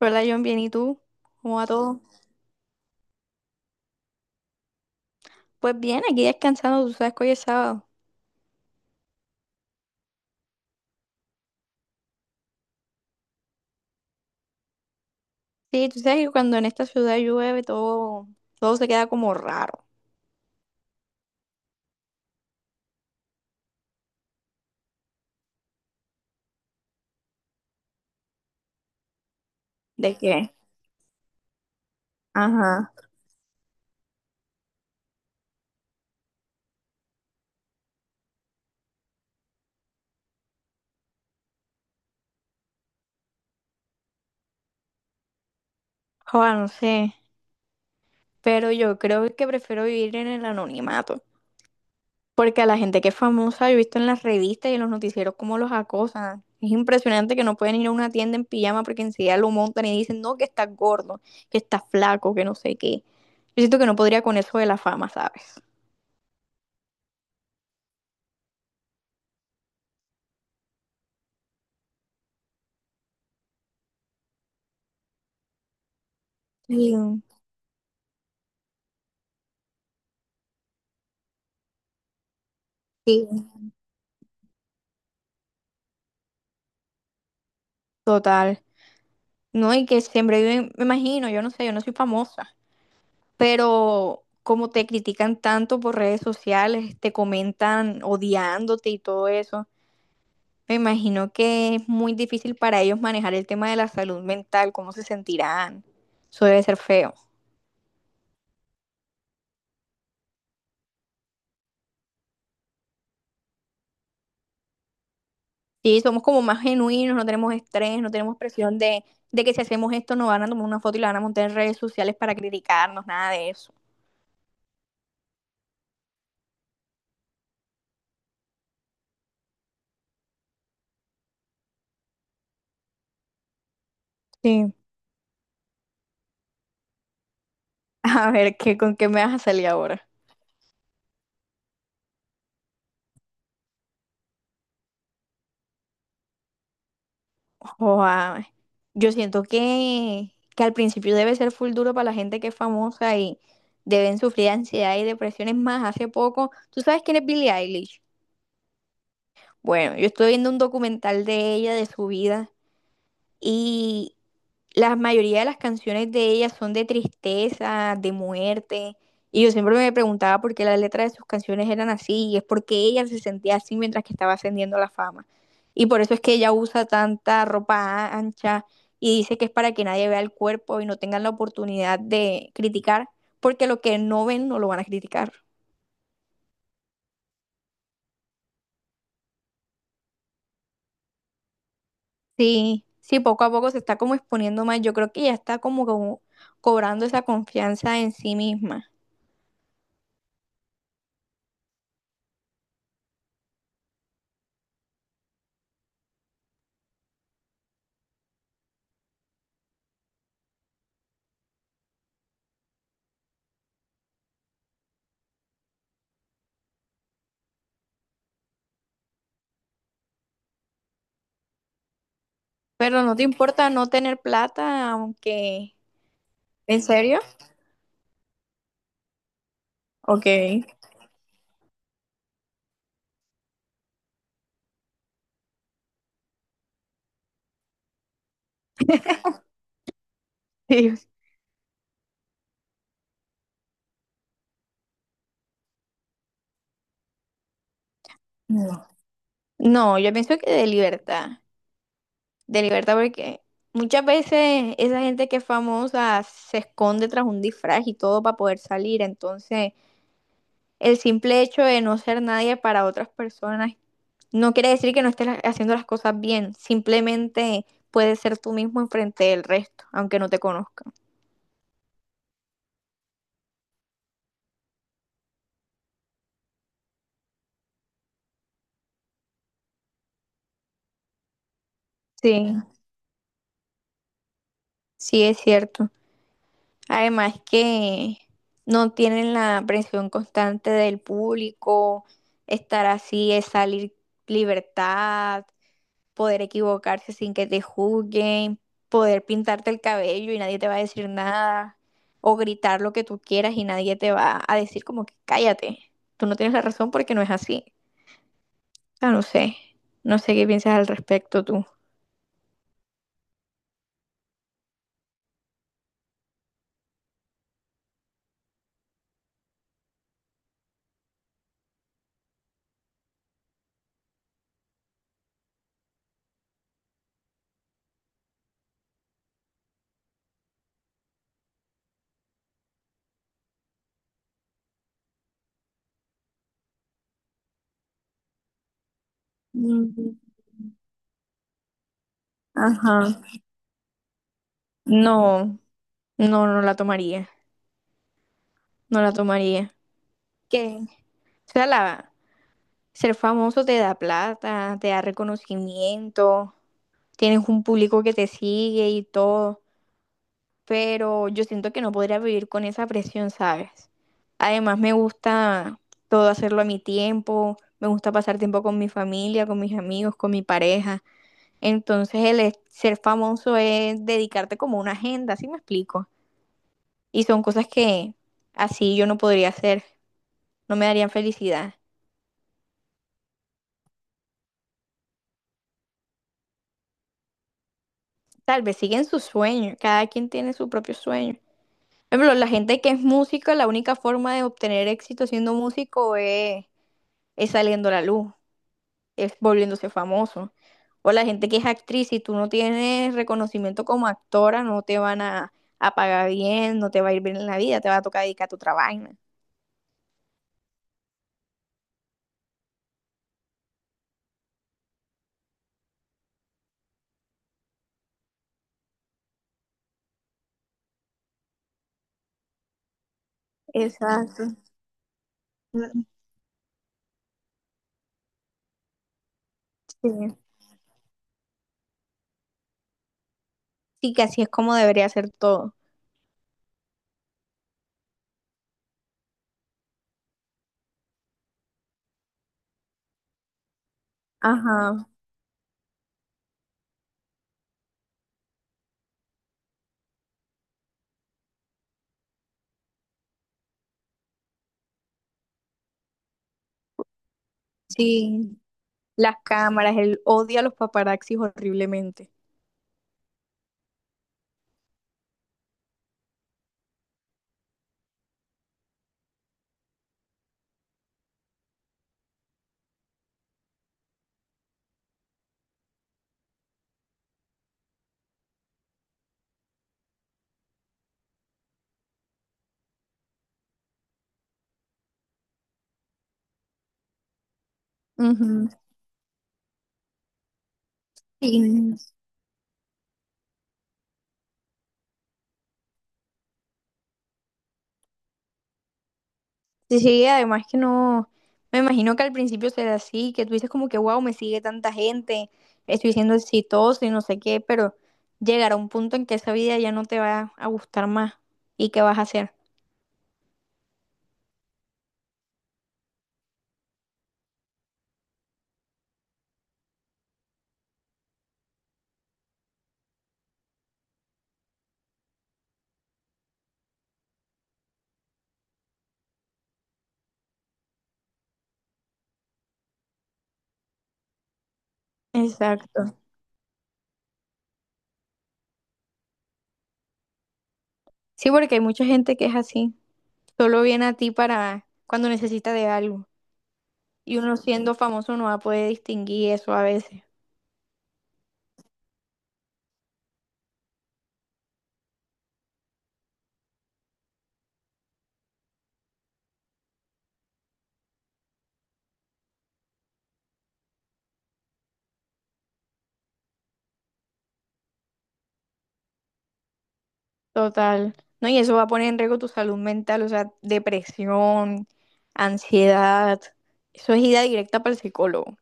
Hola John, bien, ¿y tú? ¿Cómo va todo? Pues bien, aquí descansando, tú sabes que hoy es sábado. Sí, tú sabes que cuando en esta ciudad llueve todo, todo se queda como raro. ¿De qué? Ajá. Joder, no sé, pero yo creo que prefiero vivir en el anonimato, porque a la gente que es famosa yo he visto en las revistas y en los noticieros cómo los acosan. Es impresionante que no pueden ir a una tienda en pijama porque enseguida lo montan y dicen, no, que estás gordo, que estás flaco, que no sé qué. Yo siento que no podría con eso de la fama, ¿sabes? Sí, sí. Total. No, y que siempre viven, me imagino, yo no sé, yo no soy famosa, pero como te critican tanto por redes sociales, te comentan odiándote y todo eso, me imagino que es muy difícil para ellos manejar el tema de la salud mental, cómo se sentirán. Eso debe ser feo. Sí, somos como más genuinos, no tenemos estrés, no tenemos presión de que si hacemos esto nos van a tomar una foto y la van a montar en redes sociales para criticarnos, nada de eso. Sí. A ver, ¿qué, con qué me vas a salir ahora? Joa, yo siento que al principio debe ser full duro para la gente que es famosa y deben sufrir ansiedad y depresiones más. Hace poco, ¿tú sabes quién es Billie Eilish? Bueno, yo estuve viendo un documental de ella, de su vida, y la mayoría de las canciones de ella son de tristeza, de muerte. Y yo siempre me preguntaba por qué las letras de sus canciones eran así. Y es porque ella se sentía así mientras que estaba ascendiendo a la fama. Y por eso es que ella usa tanta ropa ancha y dice que es para que nadie vea el cuerpo y no tengan la oportunidad de criticar, porque lo que no ven no lo van a criticar. Sí, sí, poco a poco se está como exponiendo más. Yo creo que ya está como, como cobrando esa confianza en sí misma. Pero no te importa no tener plata, aunque... ¿En serio? Ok. Sí. No. No, yo pienso que de libertad porque muchas veces esa gente que es famosa se esconde tras un disfraz y todo para poder salir, entonces el simple hecho de no ser nadie para otras personas no quiere decir que no estés haciendo las cosas bien, simplemente puedes ser tú mismo enfrente del resto, aunque no te conozcan. Sí, sí es cierto. Además que no tienen la presión constante del público, estar así es salir libertad, poder equivocarse sin que te juzguen, poder pintarte el cabello y nadie te va a decir nada, o gritar lo que tú quieras y nadie te va a decir como que cállate, tú no tienes la razón porque no es así. Ah, no sé, no sé qué piensas al respecto tú. Mm, ajá. No, no, no la tomaría, no la tomaría. ¿Qué? O sea, ser famoso te da plata, te da reconocimiento, tienes un público que te sigue y todo, pero yo siento que no podría vivir con esa presión, ¿sabes? Además, me gusta todo hacerlo a mi tiempo, me gusta pasar tiempo con mi familia, con mis amigos, con mi pareja. Entonces, ser famoso es dedicarte como una agenda, ¿sí me explico? Y son cosas que así yo no podría hacer, no me darían felicidad. Tal vez siguen su sueño, cada quien tiene su propio sueño. Por ejemplo, la gente que es música, la única forma de obtener éxito siendo músico es saliendo a la luz, es volviéndose famoso. O la gente que es actriz, si tú no tienes reconocimiento como actora, no te a pagar bien, no te va a ir bien en la vida, te va a tocar dedicar a tu trabajo. Exacto. Mm, sí. Sí, que así es como debería ser todo. Ajá, sí. Las cámaras, él odia a los paparazzis horriblemente. Sí, sí, sí, además que no, me imagino que al principio será así, que tú dices como que, wow, me sigue tanta gente, estoy siendo exitoso y no sé qué, pero llegará un punto en que esa vida ya no te va a gustar más y qué vas a hacer. Exacto. Sí, porque hay mucha gente que es así, solo viene a ti para cuando necesita de algo y uno siendo famoso no va a poder distinguir eso a veces. Total. No, y eso va a poner en riesgo tu salud mental, o sea, depresión, ansiedad. Eso es ida directa para el psicólogo.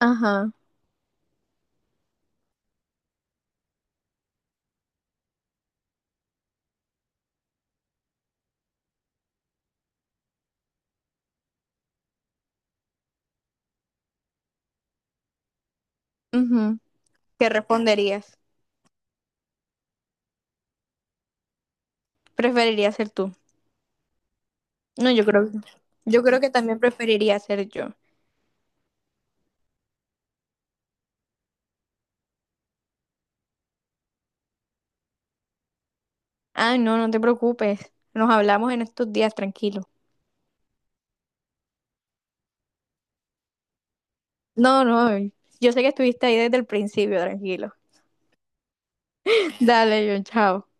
Ajá. Ujú. ¿Qué responderías? ¿Preferiría ser tú? No, yo creo que también preferiría ser yo. Ay, no, no te preocupes. Nos hablamos en estos días, tranquilo. No, no, yo sé que estuviste ahí desde el principio, tranquilo. Dale, yo, chao.